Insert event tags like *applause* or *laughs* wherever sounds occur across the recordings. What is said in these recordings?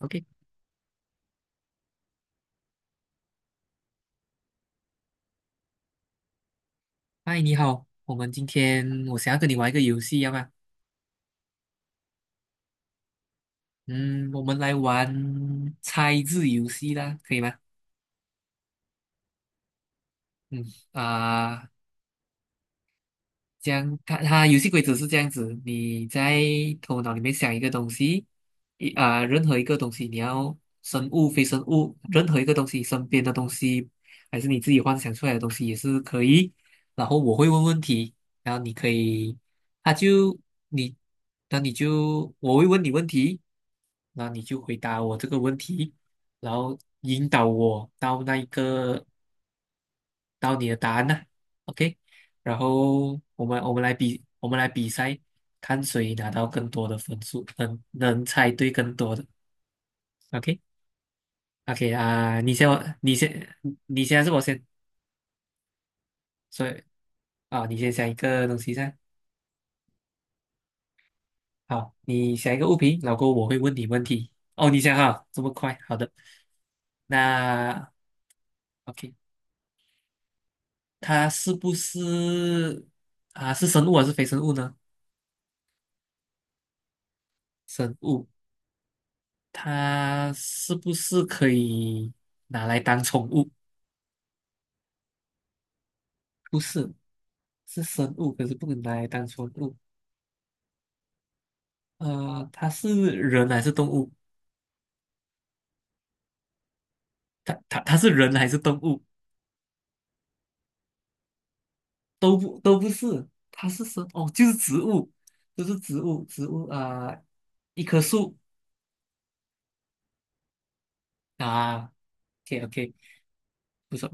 OK，嗨，你好，我们今天我想要跟你玩一个游戏，要吗？嗯，我们来玩猜字游戏啦，可以吗？嗯啊、这样它游戏规则是这样子，你在头脑里面想一个东西，任何一个东西，你要生物、非生物，任何一个东西，身边的东西，还是你自己幻想出来的东西也是可以。然后我会问问题，然后你可以，他就你，那你就我会问你问题。那你就回答我这个问题，然后引导我到那一个到你的答案呢、OK，然后我们来比赛，看谁拿到更多的分数，能猜对更多的。OK OK 你先，你先还是我先？所以啊、你先想一个东西噻。好，你想一个物品，老后过后我会问你问题。哦，你想哈，这么快？好的，那 OK。它是不是啊？是生物还是非生物呢？生物，它是不是可以拿来当宠物？不是，是生物，可是不能拿来当宠物。它是人还是动物？它是人还是动物？都不是，它是生哦，就是植物，就是植物，植物啊、一棵树。啊，OK OK，不错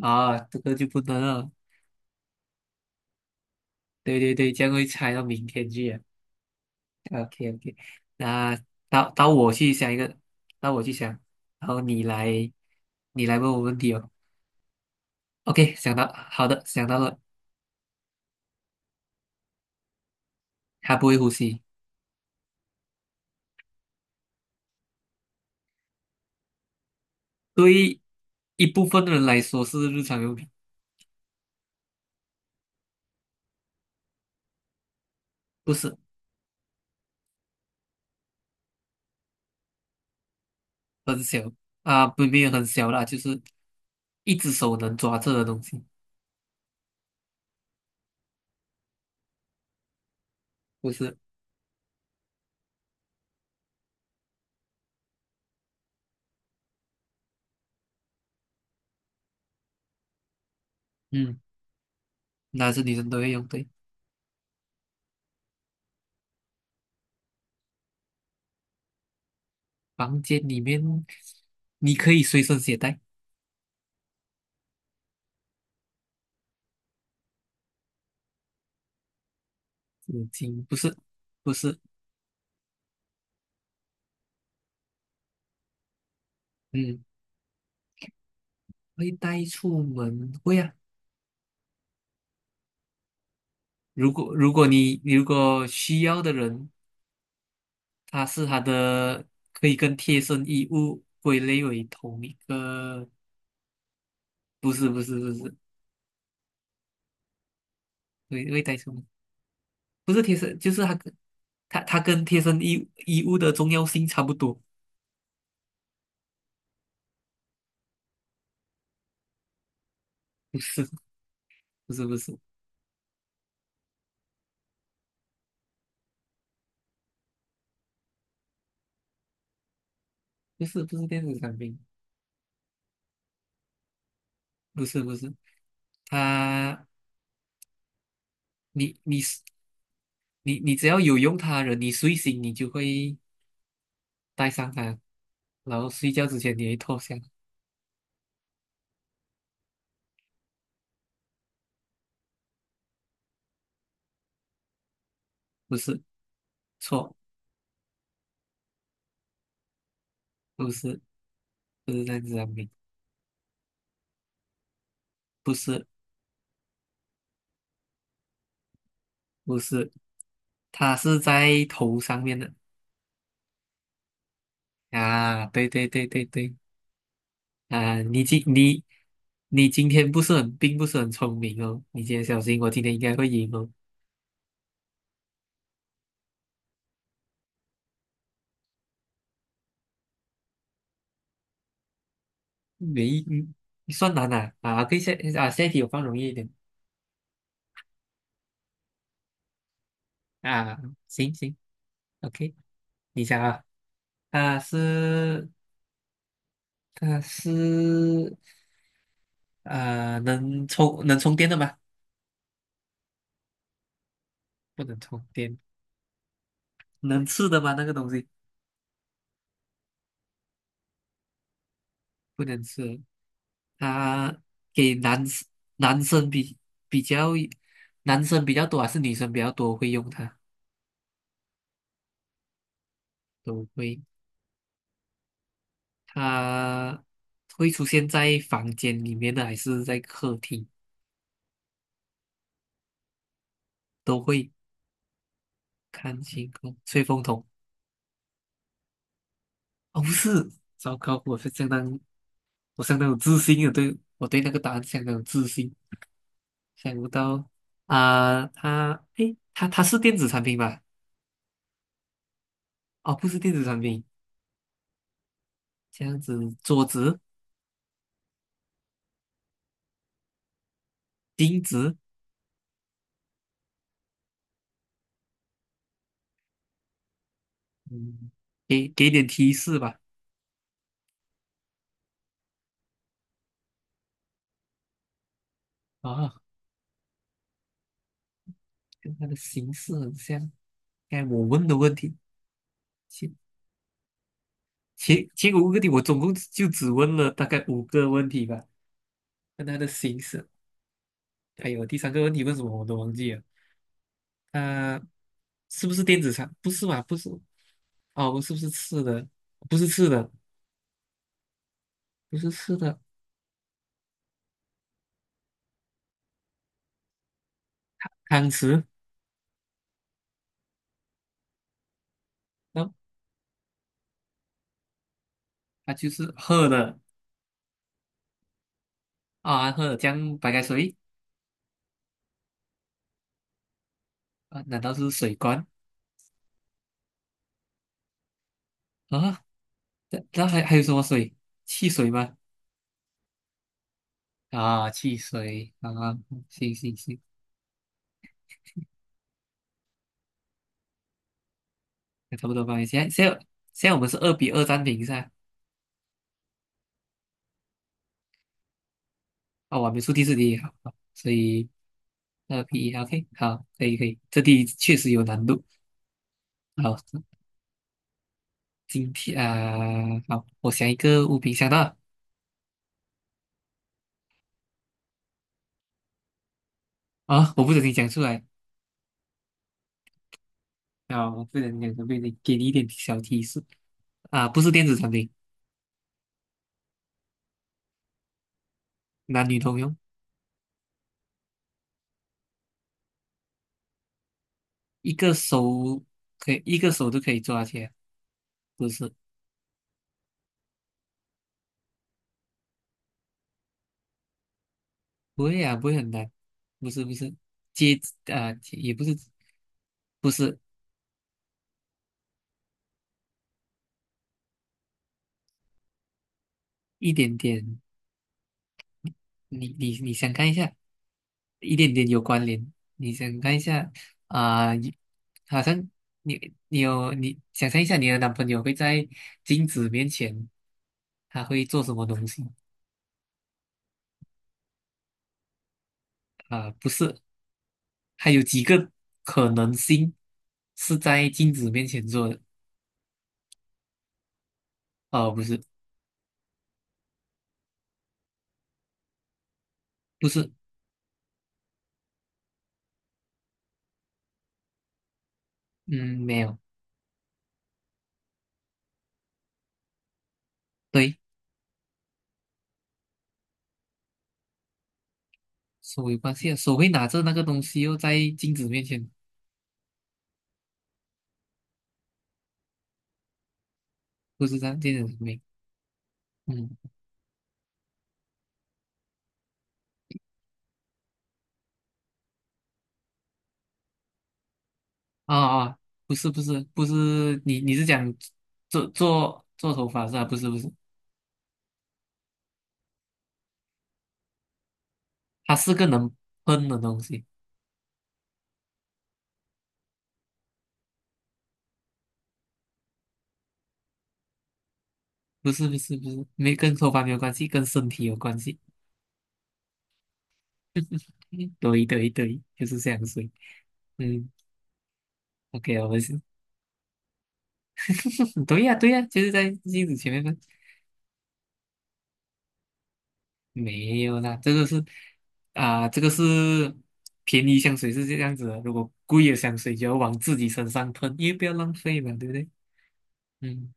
啊，这个就不能了，对对对，这样会猜到明天去啊。OK OK，那到我去想一个，到我去想，然后你来，你来问我问题哦。OK，想到，好的，想到了。它不会呼吸，对于一部分人来说是日常用品，不是很小啊，不没有很小啦，就是一只手能抓着的东西，不是。嗯，男生女生都会用，对，房间里面你可以随身携带，纸巾，不是，不是。嗯，会带出门，会啊。如果你需要的人，他是他的可以跟贴身衣物归类为同一个，不是，会带什么？不是贴身，就是他跟贴身衣物的重要性差不多，不是不是不是不是电子产品，不是不是，他。你你是你你只要有用它的人，你睡醒你就会带上它，然后睡觉之前你会脱下，不是。错，不是。不是电子产品。不是不是，它是在头上面的。啊，对。啊，你今天不是很不是很聪明哦，你今天小心，我今天应该会赢哦，没嗯算难啊，可以下啊下一题我放容易一点啊，行行，OK，你想啊，啊是啊是能充电的吗？不能充电，能吃的吗？那个东西不能吃。他给男生男生比比较男生比较多还是女生比较多会用它？都会，它会出现在房间里面的还是在客厅？都会。看星空吹风筒。哦，不是，糟糕，我是相当，我相当有自信的，对，我对那个答案相当有自信。想不到啊，它，诶，它它是电子产品吧？哦，不是电子产品，这样子，桌子、钉子。嗯，给点提示吧。啊，跟它的形式很像。该我问的问题，前前五个问题，我总共就只问了大概五个问题吧。跟它的形式，还有第三个问题问什么我都忘记了。它是不是电子厂？不是吧？不是。哦，是不是吃的？不是吃的，不是吃的。汤匙，哦，它就是喝的啊，喝的江白开水。啊？难道是水罐。啊？那还有什么水？汽水吗？啊，汽水啊，行行行，那差不多吧。现在我们是二比二停平噻，啊，我还没出第四题，好，好所以二比一，OK，好，可以可以，这题确实有难度。好，今天啊，好，我想一个物品，想到了。啊，我不小心讲出来，啊，我不小心讲出来，给你一点小提示啊，不是电子产品，男女通用，一个手可以一个手都可以抓起来，不是。不会啊，不会很难，不是，接也不是。不是一点点，你想看一下，一点点有关联，你想看一下啊、你好像你想象一下你的男朋友会在镜子面前他会做什么东西。不是，还有几个可能性是在镜子面前做的，哦、不是不是。嗯，没有，对。手有关系啊，手会拿着那个东西又在镜子面前，不是这样，镜子面。嗯，啊啊，不是，你是讲做头发是吧？不是不是，它是个能喷的东西。不是不是不是，没跟头发没有关系，跟身体有关系。嗯,对 *laughs* 对对，就是这样水。嗯，OK 啊，我是，*laughs* 对呀、对呀、就是在镜子前面喷。*laughs* 没有啦，这个是便宜香水是这样子的，如果贵的香水就要往自己身上喷，因为不要浪费嘛，对不对？嗯，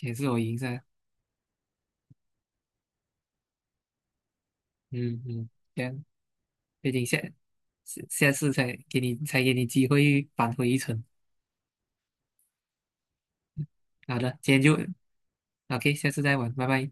也是我赢噻，嗯嗯，这样，毕竟下次才给你机会扳回一城。好的，今天就 OK，下次再玩，拜拜。